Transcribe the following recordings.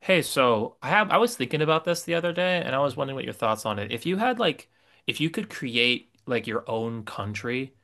Hey, so I was thinking about this the other day and I was wondering what your thoughts on it. If you had if you could create like your own country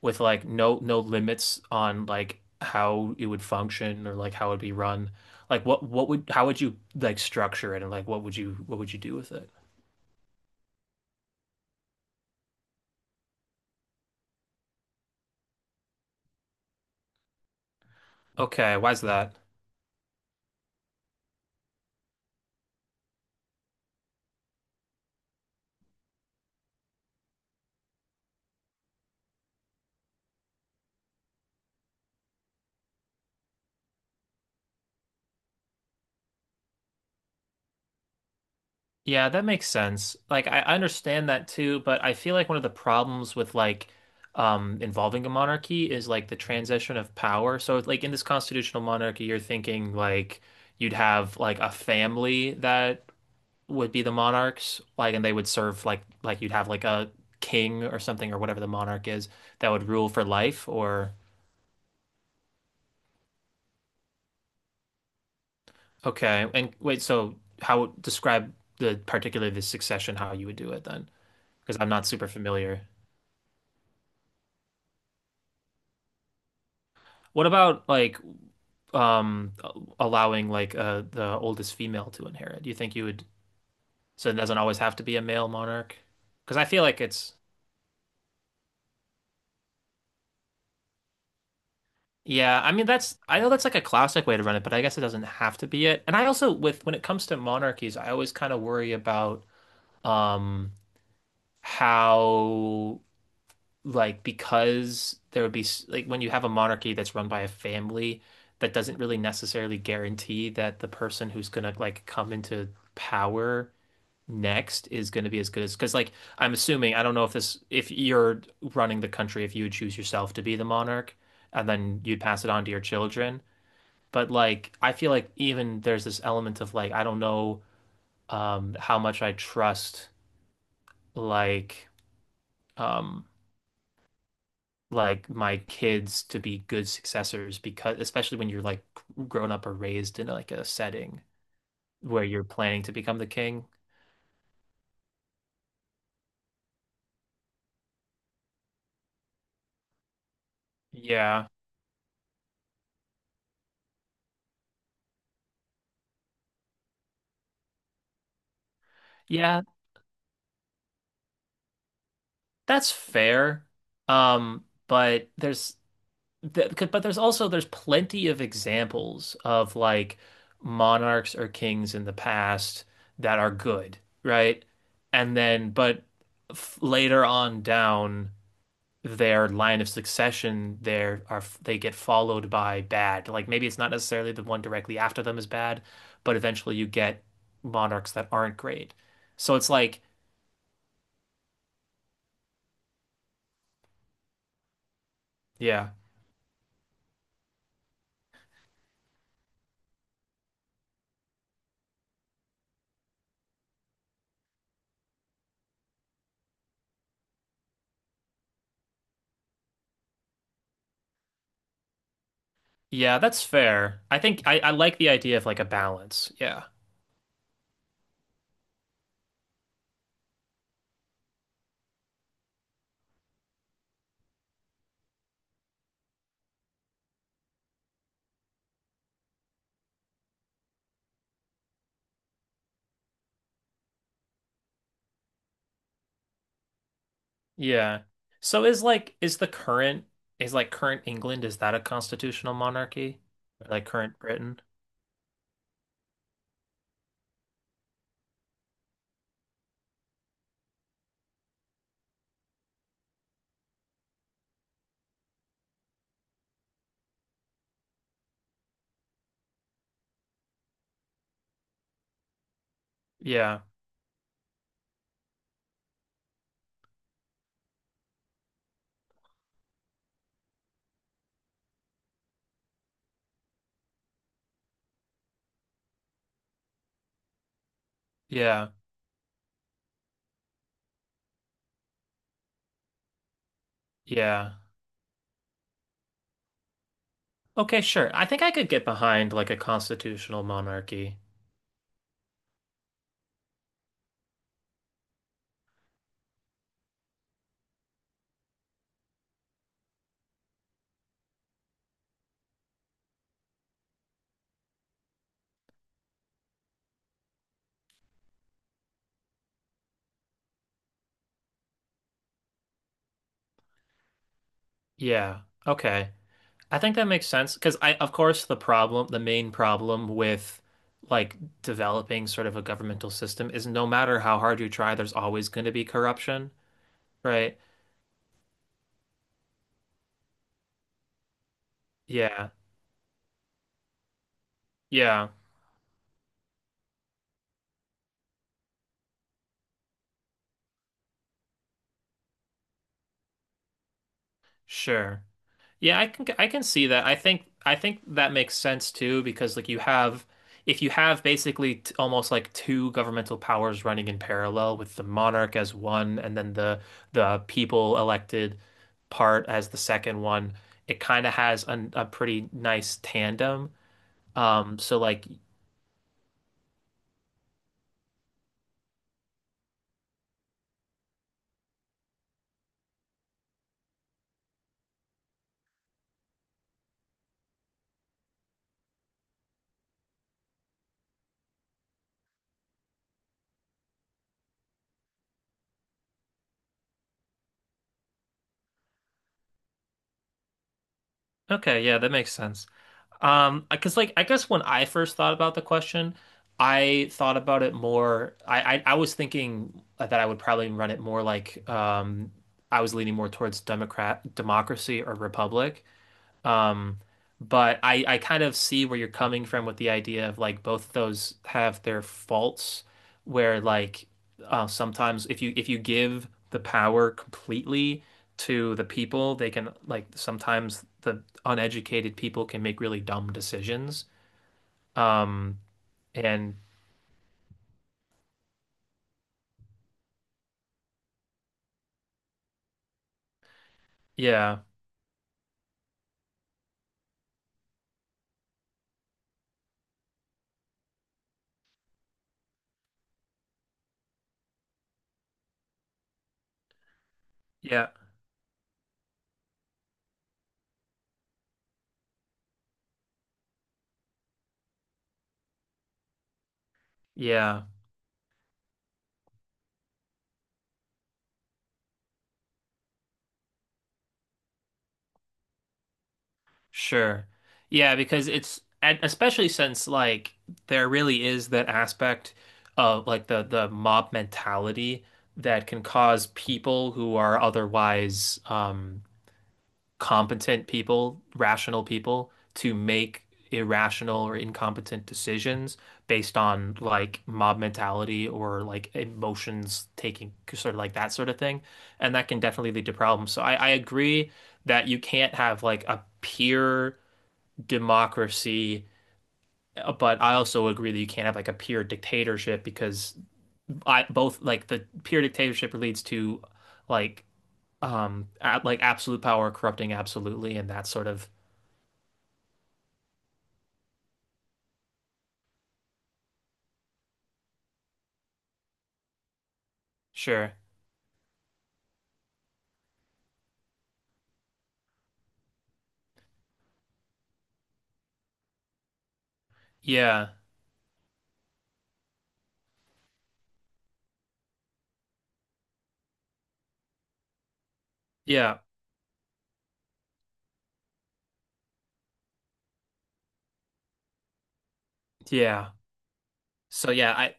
with like no limits on like how it would function or like how it would be run, like what would how would you like structure it and like what would you do with it? Okay, why's that? Yeah, that makes sense. Like I understand that too, but I feel like one of the problems with like involving a monarchy is like the transition of power. So like in this constitutional monarchy, you're thinking like you'd have like a family that would be the monarchs, like and they would serve like you'd have like a king or something or whatever the monarch is that would rule for life or okay. And wait, so how describe the succession how you would do it then? Because I'm not super familiar. What about like um allowing like the oldest female to inherit? Do you think you would so it doesn't always have to be a male monarch? Because I feel like it's yeah, I mean that's I know that's like a classic way to run it, but I guess it doesn't have to be it. And I also with when it comes to monarchies, I always kind of worry about um how like because there would be like when you have a monarchy that's run by a family that doesn't really necessarily guarantee that the person who's gonna like come into power next is going to be as good as because like I'm assuming I don't know if this if you're running the country if you would choose yourself to be the monarch and then you'd pass it on to your children but like I feel like even there's this element of like I don't know how much I trust like um like my kids to be good successors because especially when you're like grown up or raised in like a setting where you're planning to become the king. Yeah. Yeah. That's fair. But there's but there's also there's plenty of examples of like monarchs or kings in the past that are good, right? And then but f later on down their line of succession there are they get followed by bad. Like maybe it's not necessarily the one directly after them is bad, but eventually you get monarchs that aren't great. So it's like, yeah. Yeah, that's fair. I think I like the idea of like a balance. Yeah. Yeah. So is like is the current is like current England, is that a constitutional monarchy? Like current Britain? Yeah. Yeah. Yeah. Okay, sure. I think I could get behind like a constitutional monarchy. Yeah. Okay. I think that makes sense because I of course the problem, the main problem with like developing sort of a governmental system is no matter how hard you try, there's always going to be corruption. Right. Yeah. Yeah. Sure. Yeah, I can see that. I think that makes sense too because like you have if you have basically t almost like two governmental powers running in parallel with the monarch as one and then the people elected part as the second one, it kind of has a pretty nice tandem. So like okay, yeah, that makes sense. Because like I guess when I first thought about the question, I thought about it more. I was thinking that I would probably run it more like I was leaning more towards Democrat democracy or republic. Um, but I kind of see where you're coming from with the idea of like both of those have their faults, where like sometimes if you give the power completely to the people, they can like sometimes the uneducated people can make really dumb decisions. Um, and yeah, yeah, yeah. Sure. Yeah, because it's and especially since like there really is that aspect of like the mob mentality that can cause people who are otherwise competent people, rational people to make irrational or incompetent decisions based on like mob mentality or like emotions taking sort of like that sort of thing. And that can definitely lead to problems. So I agree that you can't have like a pure democracy, but I also agree that you can't have like a pure dictatorship because I both like the pure dictatorship leads to like like absolute power corrupting absolutely and that sort of sure. Yeah. Yeah. Yeah. So yeah I.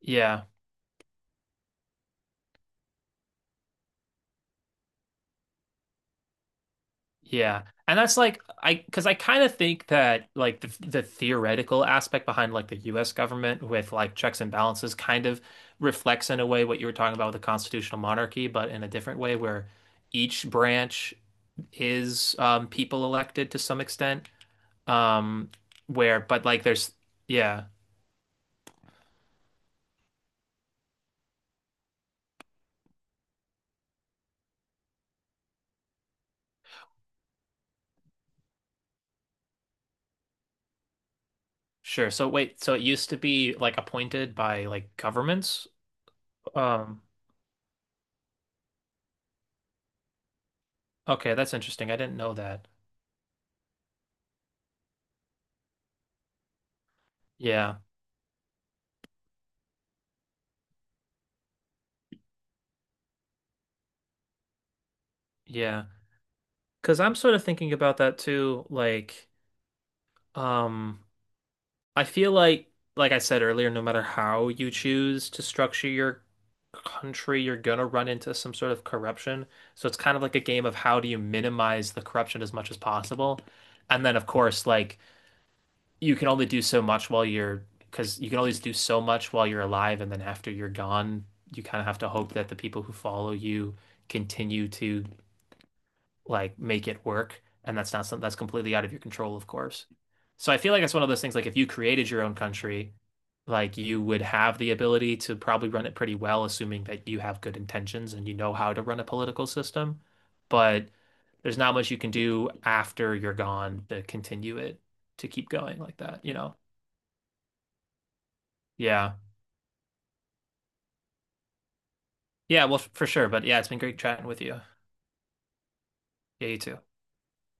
Yeah. Yeah. And that's like I because I kind of think that like the theoretical aspect behind like the US government with like checks and balances kind of reflects in a way what you were talking about with the constitutional monarchy, but in a different way where each branch is people elected to some extent. Um where but like there's yeah, sure. So wait, so it used to be like appointed by like governments? Um, okay, that's interesting. I didn't know that. Yeah. Yeah. Because I'm sort of thinking about that too. Like, um, I feel like I said earlier, no matter how you choose to structure your country, you're gonna run into some sort of corruption. So it's kind of like a game of how do you minimize the corruption as much as possible. And then, of course, like you can only do so much while you're, because you can always do so much while you're alive, and then after you're gone, you kind of have to hope that the people who follow you continue to like make it work. And that's not something that's completely out of your control, of course. So I feel like it's one of those things like if you created your own country, like you would have the ability to probably run it pretty well, assuming that you have good intentions and you know how to run a political system. But there's not much you can do after you're gone to continue it to keep going like that, you know? Yeah. Yeah, well, for sure. But yeah, it's been great chatting with you. Yeah, you too.